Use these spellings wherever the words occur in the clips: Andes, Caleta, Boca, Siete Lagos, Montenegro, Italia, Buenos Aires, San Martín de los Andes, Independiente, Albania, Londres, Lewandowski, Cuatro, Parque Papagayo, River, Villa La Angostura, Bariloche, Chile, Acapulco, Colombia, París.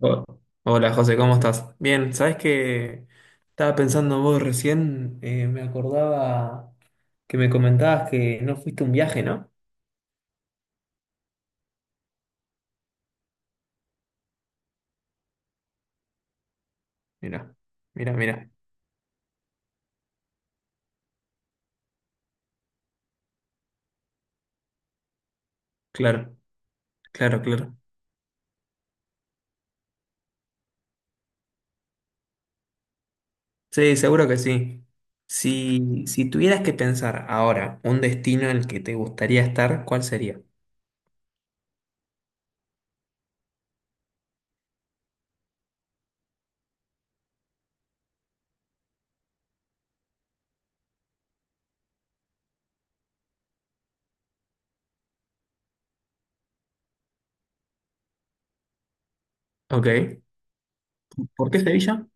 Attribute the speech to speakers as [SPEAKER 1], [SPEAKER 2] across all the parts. [SPEAKER 1] Ho- Hola José, ¿cómo estás? Bien, ¿sabés que estaba pensando vos recién? Me acordaba que me comentabas que no fuiste a un viaje, ¿no? Mira, mira, mira. Claro, claro, claro. Sí, seguro que sí. Si tuvieras que pensar ahora un destino en el que te gustaría estar, ¿cuál sería? Ok. ¿Por qué Sevilla?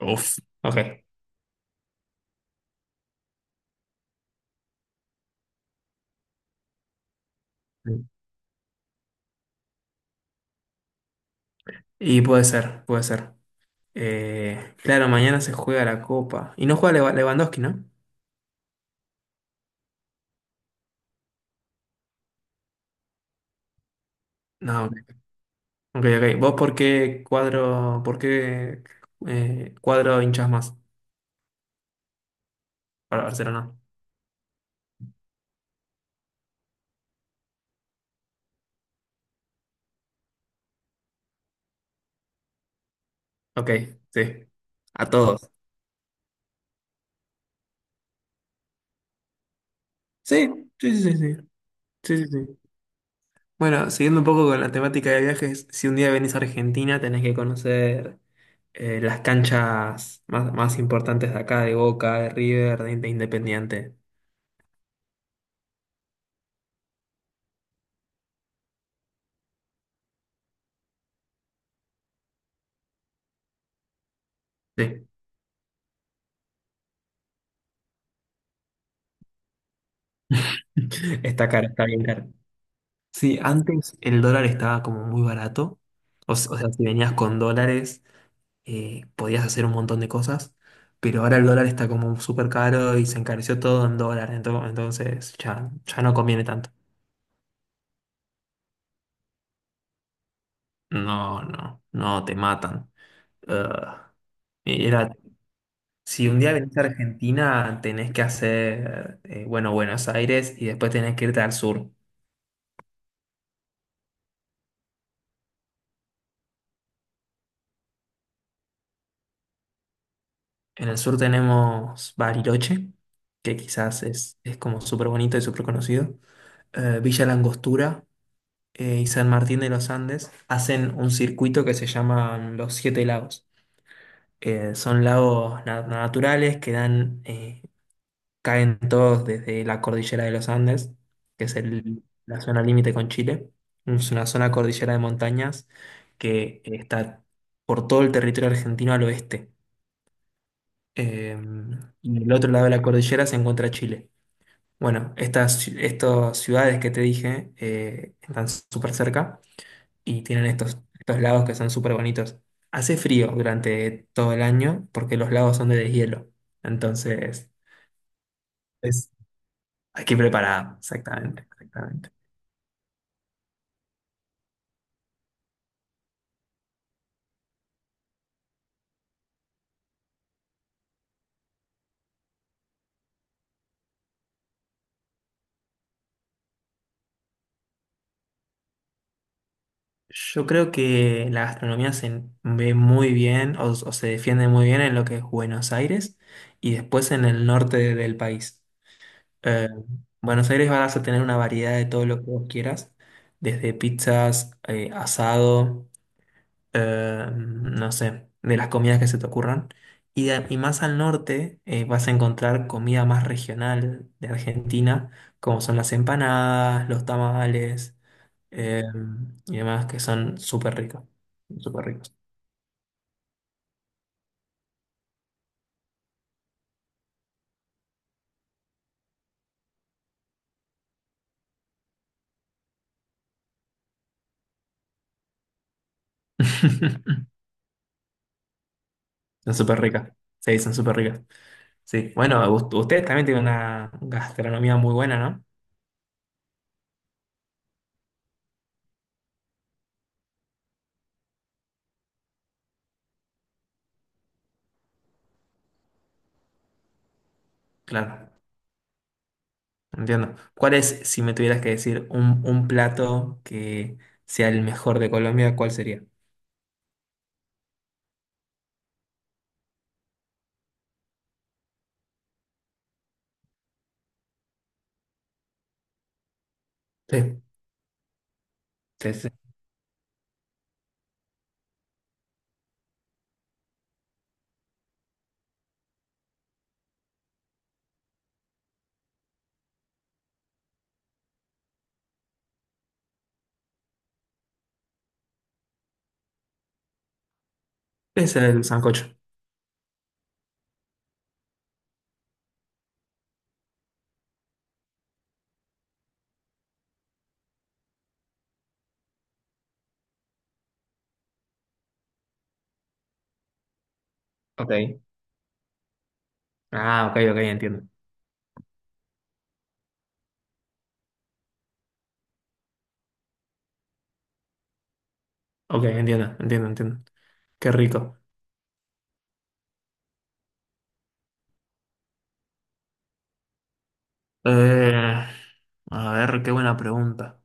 [SPEAKER 1] Uf. Ok. Y puede ser, puede ser. Claro, mañana se juega la Copa. Y no juega Lewandowski, ¿no? No, ok, ok. ¿Vos por qué cuadro hinchas más para Barcelona? Ok, sí. A todos. Sí, sí, sí, sí. Sí, sí, sí, sí. Bueno, siguiendo un poco con la temática de viajes, si un día venís a Argentina tenés que conocer las canchas más, más importantes de acá, de Boca, de River, de Independiente. Sí, está caro, está bien caro. Sí, antes el dólar estaba como muy barato. O sea, si venías con dólares podías hacer un montón de cosas, pero ahora el dólar está como súper caro y se encareció todo en dólar, entonces ya, ya no conviene tanto. No, no, no, te matan. Ah, era, si un día venís a Argentina, tenés que hacer, bueno, Buenos Aires y después tenés que irte al sur. En el sur tenemos Bariloche, que quizás es como súper bonito y súper conocido. Villa La Angostura, y San Martín de los Andes hacen un circuito que se llaman los Siete Lagos. Son lagos naturales que dan, caen todos desde la cordillera de los Andes, que es la zona límite con Chile. Es una zona cordillera de montañas que está por todo el territorio argentino al oeste. Eh, y del otro lado de la cordillera se encuentra Chile. Bueno, estas ciudades que te dije están súper cerca. Y tienen estos, estos lagos que son súper bonitos. Hace frío durante todo el año porque los lagos son de deshielo. Entonces, es, hay que ir preparado, exactamente, exactamente. Yo creo que la gastronomía se ve muy bien o se defiende muy bien en lo que es Buenos Aires y después en el norte del país. Eh, Buenos Aires vas a tener una variedad de todo lo que vos quieras, desde pizzas, asado, no sé, de las comidas que se te ocurran. Y, y más al norte vas a encontrar comida más regional de Argentina, como son las empanadas, los tamales eh, y demás, que son súper ricos. Súper ricos. Son súper ricas. Sí, son súper ricas. Sí, bueno, ustedes también tienen una gastronomía muy buena, ¿no? Claro, entiendo. ¿Cuál es, si me tuvieras que decir, un plato que sea el mejor de Colombia, cuál sería? Sí. Sí, sí. Es el sancocho. Ok. Ah, ok, ok, entiendo. Ok, entiendo, entiendo, entiendo. Qué rico. Eh, a ver, qué buena pregunta.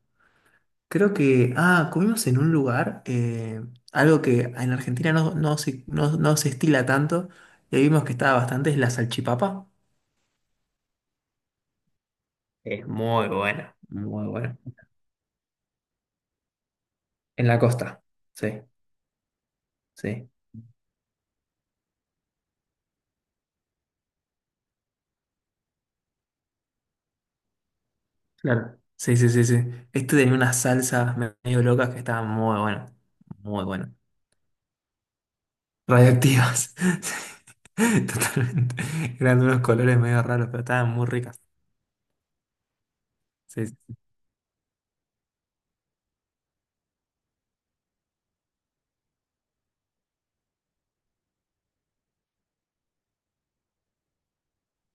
[SPEAKER 1] Creo que, ah, comimos en un lugar, algo que en Argentina no se estila tanto, y ahí vimos que estaba bastante, es la salchipapa. Es muy buena, muy buena. En la costa. Sí, sí. Claro. Sí, sí, sí, sí. Este tenía unas salsas medio locas que estaban muy buenas. Muy buenas. Radioactivas. Sí, totalmente. Eran unos colores medio raros, pero estaban muy ricas. Sí, sí.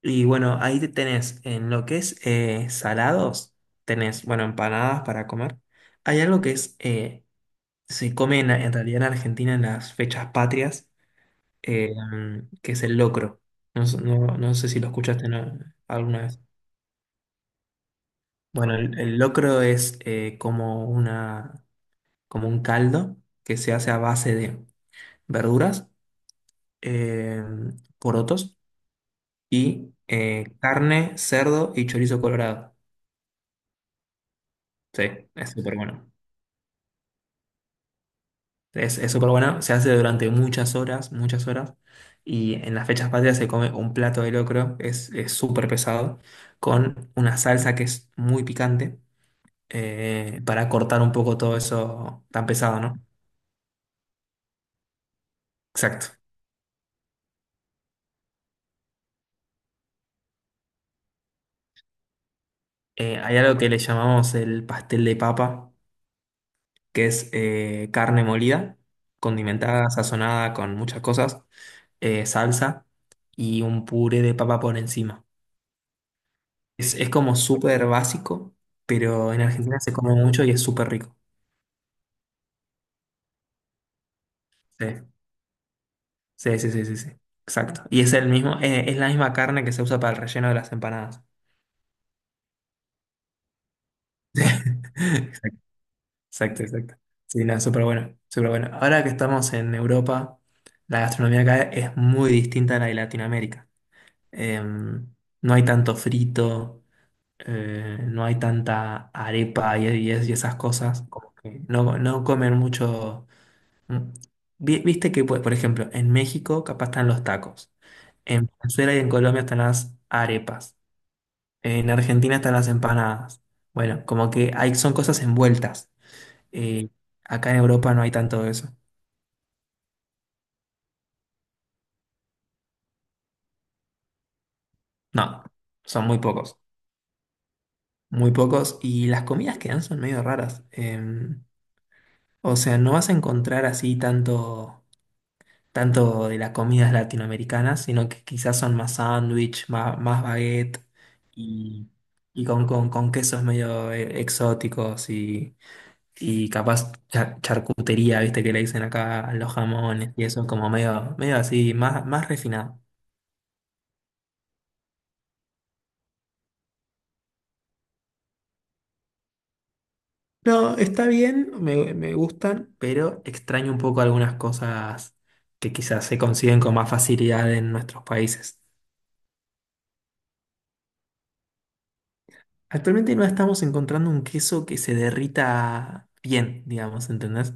[SPEAKER 1] Y bueno, ahí te tenés, en lo que es salados, tenés, bueno, empanadas para comer. Hay algo que es, se come en realidad en Argentina en las fechas patrias, eh, que es el locro. No, sé no- no sé si lo escuchaste, ¿no? Alguna vez. Bueno, el locro es como una, como un caldo que se hace a base de verduras, eh, porotos y carne, cerdo y chorizo colorado. Sí, es súper bueno. Es súper bueno, se hace durante muchas horas, muchas horas. Y en las fechas patrias se come un plato de locro, es súper pesado, con una salsa que es muy picante, para cortar un poco todo eso tan pesado, ¿no? Exacto. Hay algo que le llamamos el pastel de papa, que es carne molida, condimentada, sazonada con muchas cosas, salsa y un puré de papa por encima. Es como súper básico, pero en Argentina se come mucho y es súper rico. Sí, sí, sí, sí, sí, sí. Exacto. Y es el mismo, es la misma carne que se usa para el relleno de las empanadas. Exacto, exacto, exacto. Sí, no, súper bueno, súper bueno. Ahora que estamos en Europa, la gastronomía acá es muy distinta a la de Latinoamérica. em, no hay tanto frito, no hay tanta arepa y, y esas cosas, como que no, no comen mucho. Mm. Viste que, pues, por ejemplo, en México capaz están los tacos, en Venezuela y en Colombia están las arepas, en Argentina están las empanadas. Bueno, como que hay, son cosas envueltas. Eh, Acá en Europa no hay tanto de eso. No, son muy pocos. Muy pocos, y las comidas que dan son medio raras. O sea, no vas a encontrar así tanto, tanto de las comidas latinoamericanas, sino que quizás son más sándwich, más, más baguette y, y con quesos medio exóticos y capaz charcutería, viste que le dicen acá a los jamones y eso, como medio, medio así, más, más refinado. No, está bien, me gustan, pero extraño un poco algunas cosas que quizás se consiguen con más facilidad en nuestros países. Actualmente no estamos encontrando un queso que se derrita bien, digamos, ¿entendés?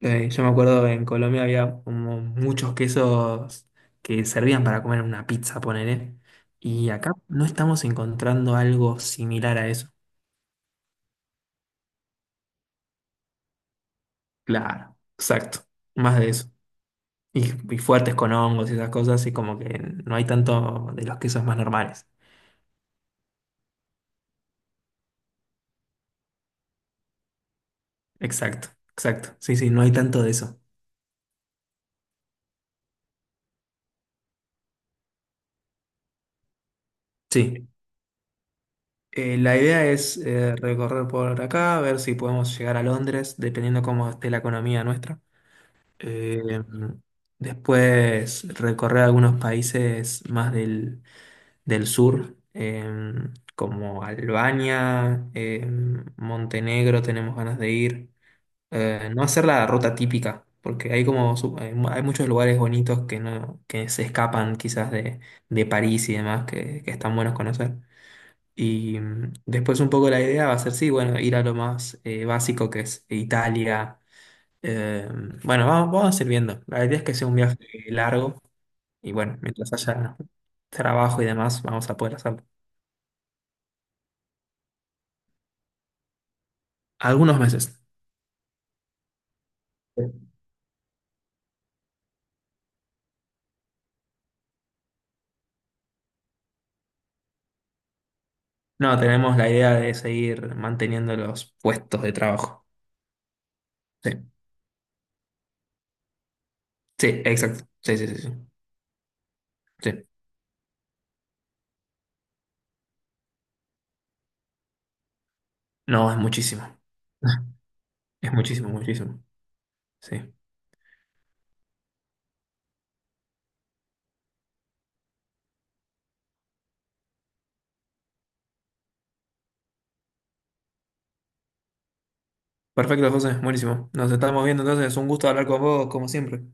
[SPEAKER 1] Yo me acuerdo en Colombia había como muchos quesos que servían para comer en una pizza, ponele. Y acá no estamos encontrando algo similar a eso. Claro, exacto. Más de eso. Y fuertes con hongos y esas cosas, y como que no hay tanto de los quesos más normales. Exacto, exacto. Sí, sí, no hay tanto de eso. Sí. La idea es recorrer por acá, ver si podemos llegar a Londres, dependiendo cómo esté la economía nuestra. Eh, Después recorrer algunos países más del, del sur, como Albania, Montenegro, tenemos ganas de ir. No hacer la ruta típica, porque hay como hay, hay muchos lugares bonitos que no, que se escapan quizás de París y demás, que están buenos conocer. Y mm, después un poco la idea va a ser, sí, bueno, ir a lo más básico que es Italia. Eh, bueno, vamos, vamos a ir viendo. La idea es que sea un viaje largo y bueno, mientras haya trabajo y demás, vamos a poder hacerlo. Algunos meses. No, tenemos la idea de seguir manteniendo los puestos de trabajo. Sí, sí, exacto. Sí, sí, sí, sí. Sí. No, es muchísimo. Es muchísimo, muchísimo. Sí. Perfecto, José. Buenísimo. Nos estamos viendo entonces. Un gusto hablar con vos, como siempre.